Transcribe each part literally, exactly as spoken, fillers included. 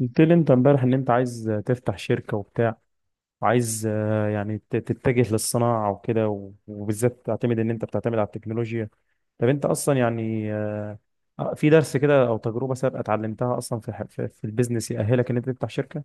قلت لي انت امبارح ان انت عايز تفتح شركة وبتاع وعايز آه، يعني ت- تتجه للصناعة وكده و- وبالذات تعتمد ان انت بتعتمد على التكنولوجيا. طب انت اصلا يعني آه، آه، في درس كده او تجربة سابقة اتعلمتها اصلا في ح- في في البيزنس يأهلك ان انت تفتح شركة؟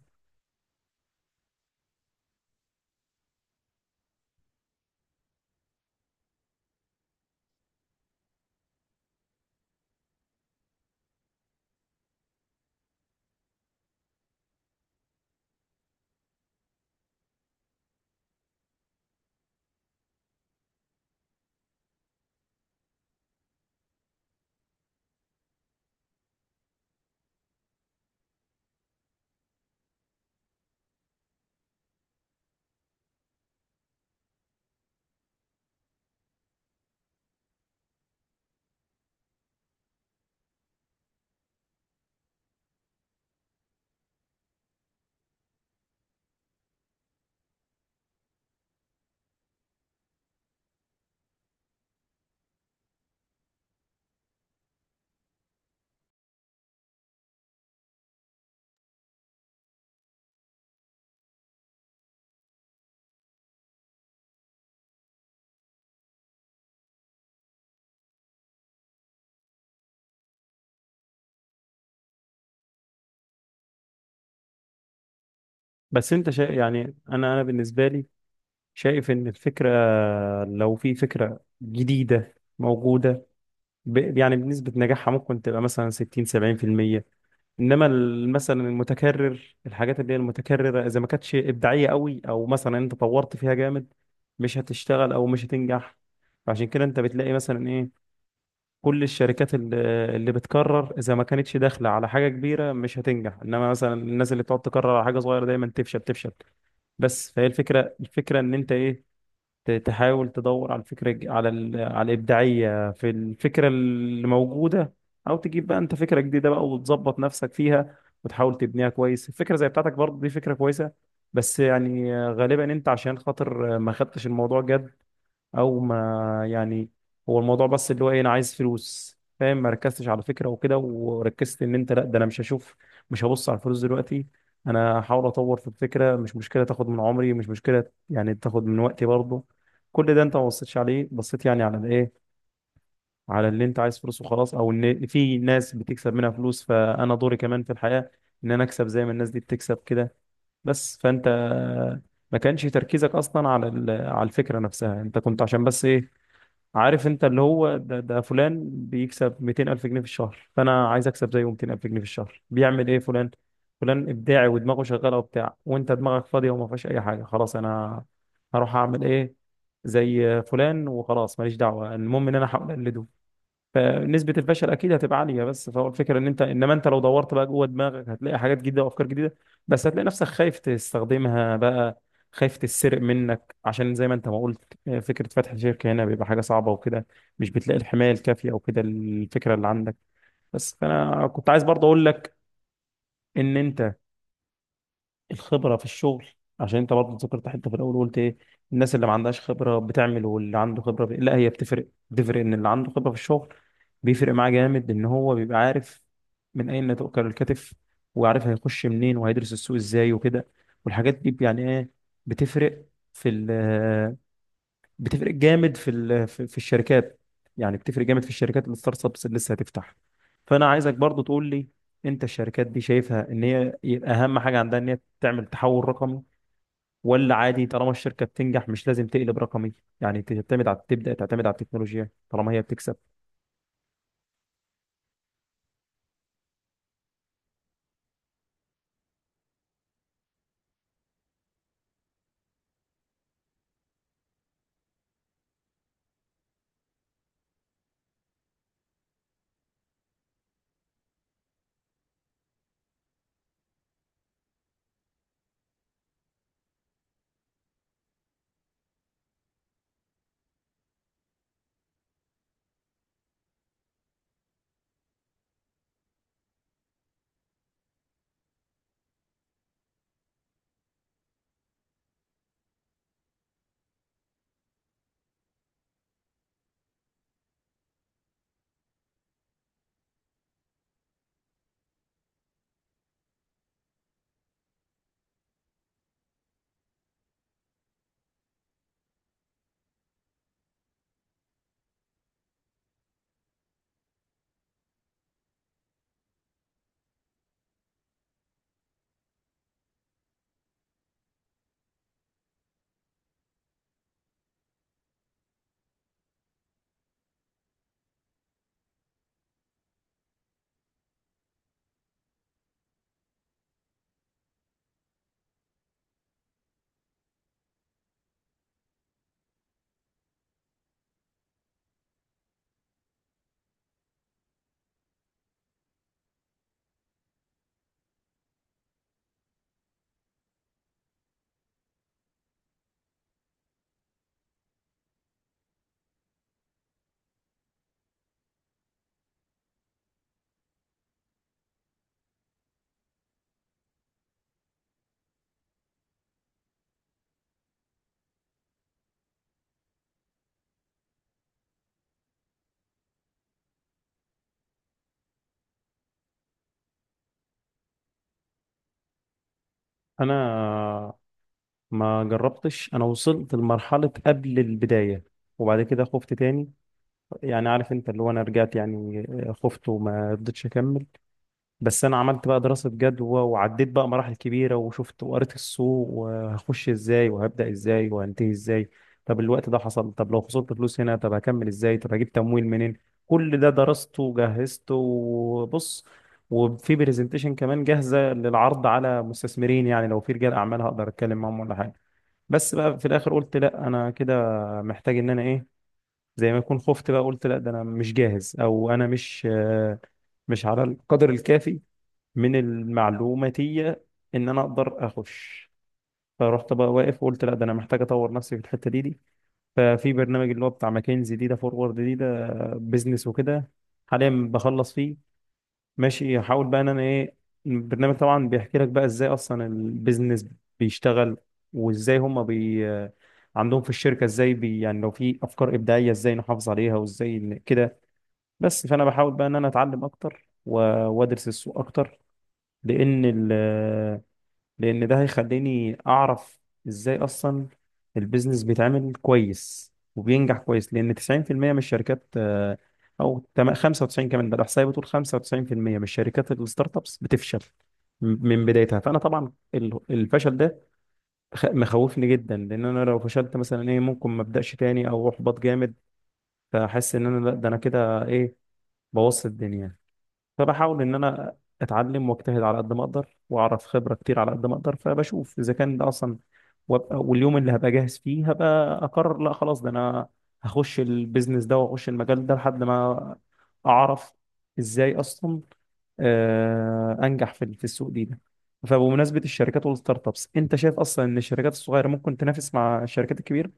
بس انت شا... يعني انا انا بالنسبة لي شايف ان الفكرة، لو في فكرة جديدة موجودة، ب... يعني بنسبة نجاحها ممكن تبقى مثلا ستين سبعين في المية. انما ال- مثلا المتكرر، الحاجات اللي هي المتكرره، اذا ما كانتش ابداعيه قوي او مثلا انت طورت فيها جامد، مش هتشتغل او مش هتنجح. فعشان كده انت بتلاقي مثلا ايه، كل الشركات اللي اللي بتكرر اذا ما كانتش داخله على حاجه كبيره مش هتنجح، انما مثلا الناس اللي بتقعد تكرر على حاجه صغيره دايما تفشل تفشل. بس فهي الفكره الفكره ان انت ايه، ت- تحاول تدور على الفكرة الج- على ال... على الإبداعية في الفكرة اللي موجودة، أو تجيب بقى أنت فكرة جديدة بقى وتظبط نفسك فيها وتحاول تبنيها كويس. الفكرة زي بتاعتك برضه دي فكرة كويسة، بس يعني غالبا أنت عشان خاطر ما خدتش الموضوع جد. او ما يعني، هو الموضوع بس اللي هو ايه، انا عايز فلوس، فاهم، ما ركزتش على فكره وكده، وركزت ان انت لا، ده انا مش هشوف، مش هبص على الفلوس دلوقتي، انا هحاول اطور في الفكره، مش مشكله تاخد من عمري، مش مشكله يعني تاخد من وقتي برضه. كل ده انت ما بصيتش عليه، بصيت يعني على الايه، على اللي انت عايز فلوس وخلاص، او ان في ناس بتكسب منها فلوس، فانا دوري كمان في الحياه ان انا اكسب زي ما الناس دي بتكسب كده. بس فانت ما كانش تركيزك اصلا على ال- على الفكره نفسها، انت كنت عشان بس ايه، عارف انت اللي هو ده, ده فلان بيكسب مئتين الف جنيه في الشهر، فانا عايز اكسب زيه مئتين الف جنيه في الشهر، بيعمل ايه فلان؟ فلان ابداعي ودماغه شغاله وبتاع، وانت دماغك فاضيه وما فيهاش اي حاجه، خلاص انا هروح اعمل ايه، زي فلان وخلاص، ماليش دعوه، المهم ان انا احاول اقلده. فنسبة الفشل أكيد هتبقى عالية. بس فهو الفكرة إن أنت، إنما أنت لو دورت بقى جوه دماغك هتلاقي حاجات جديدة وأفكار جديدة، بس هتلاقي نفسك خايف تستخدمها بقى، خايف تتسرق منك، عشان زي ما أنت ما قلت، آه، فكرة فتح شركة هنا بيبقى حاجة صعبة وكده، مش بتلاقي الحماية الكافية وكده الفكرة اللي عندك. بس فأنا كنت عايز برضه أقول لك إن أنت الخبرة في الشغل، عشان انت برضه ذكرت حتة في الاول، قلت ايه، الناس اللي ما عندهاش خبرة بتعمل واللي عنده خبرة ب... لا، هي بتفرق، بتفرق ان اللي عنده خبرة في الشغل بيفرق معاه جامد، ان هو بيبقى عارف من اين تؤكل الكتف، وعارف هيخش منين، وهيدرس السوق ازاي وكده. والحاجات دي يعني ايه، بتفرق في ال بتفرق جامد في ال- في في الشركات. يعني بتفرق جامد في الشركات الستارت ابس اللي لسه هتفتح. فانا عايزك برضو تقول لي، انت الشركات دي شايفها ان هي يبقى اهم حاجه عندها ان هي تعمل تحول رقمي، ولا عادي طالما الشركه بتنجح مش لازم تقلب رقمي، يعني تعتمد على تبدا تعتمد على التكنولوجيا طالما هي بتكسب؟ انا ما جربتش، انا وصلت لمرحله قبل البدايه وبعد كده خفت تاني. يعني عارف انت اللي هو انا رجعت يعني، خفت وما رضيتش اكمل. بس انا عملت بقى دراسة جدوى وعديت بقى مراحل كبيرة، وشفت وقريت السوق، وهخش ازاي، وهبدأ ازاي، وهنتهي ازاي، طب الوقت ده حصل، طب لو خسرت فلوس هنا طب هكمل ازاي، طب هجيب تمويل منين. كل ده درسته وجهزته، وبص، وفي برزنتيشن كمان جاهزة للعرض على مستثمرين، يعني لو في رجال اعمال هقدر اتكلم معاهم ولا حاجة. بس بقى في الاخر قلت لا انا كده محتاج ان انا ايه، زي ما يكون خفت بقى، قلت لا ده انا مش جاهز، او انا مش آه، مش على القدر الكافي من المعلوماتية ان انا اقدر اخش. فرحت بقى واقف وقلت لا ده انا محتاج اطور نفسي في الحتة دي دي ففي برنامج اللي هو بتاع ماكنزي دي ده فورورد دي ده بيزنس وكده، حاليا بخلص فيه. ماشي، احاول بقى ان انا ايه، البرنامج طبعا بيحكي لك بقى ازاي اصلا البيزنس بيشتغل، وازاي هم بي عندهم في الشركة ازاي بي، يعني لو في افكار ابداعية ازاي نحافظ عليها، وازاي ن- كده. بس فانا بحاول بقى ان انا اتعلم اكتر و- وادرس السوق اكتر، لان ال لان ده هيخليني اعرف ازاي اصلا البيزنس بيتعمل كويس وبينجح كويس، لان تسعين في المية من الشركات آه، او تم- خمسة وتسعين كمان، ده الاحصائيه بتقول خمسة وتسعين في المية من الشركات الستارت ابس بتفشل م- من بدايتها. فانا طبعا ال- الفشل ده خ- مخوفني جدا، لان انا لو فشلت مثلا ايه ممكن ما ابداش تاني، او احبط جامد، فاحس ان انا لا، ده انا كده ايه، بوظت الدنيا. فبحاول ان انا اتعلم واجتهد على قد ما اقدر، واعرف خبره كتير على قد ما اقدر، فبشوف اذا كان ده اصلا، وابقى واليوم اللي هبقى جاهز فيه هبقى اقرر لا خلاص ده انا هخش البيزنس ده واخش المجال ده، لحد ما اعرف ازاي اصلا آه، انجح في في السوق دي ده. فبمناسبة الشركات والستارت ابس، انت شايف اصلا ان الشركات الصغيرة ممكن تنافس مع الشركات الكبيرة؟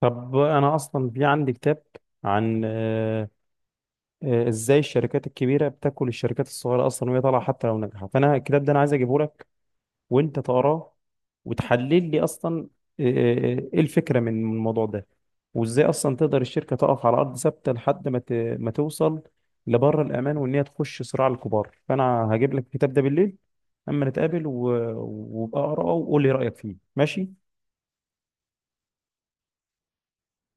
طب انا اصلا في عندي كتاب عن آه، آه، ازاي الشركات الكبيره بتاكل الشركات الصغيره اصلا وهي طالعه حتى لو ناجحه. فانا الكتاب ده انا عايز اجيبه لك، وانت تقراه وتحلل لي اصلا آه، آه، ايه الفكره من من الموضوع ده، وازاي اصلا تقدر الشركه تقف على ارض ثابته لحد ما ت- ما توصل لبره الامان، وان هي تخش صراع الكبار. فانا هجيب لك الكتاب ده بالليل اما نتقابل و- وابقى اقراه وقول لي رايك فيه، ماشي؟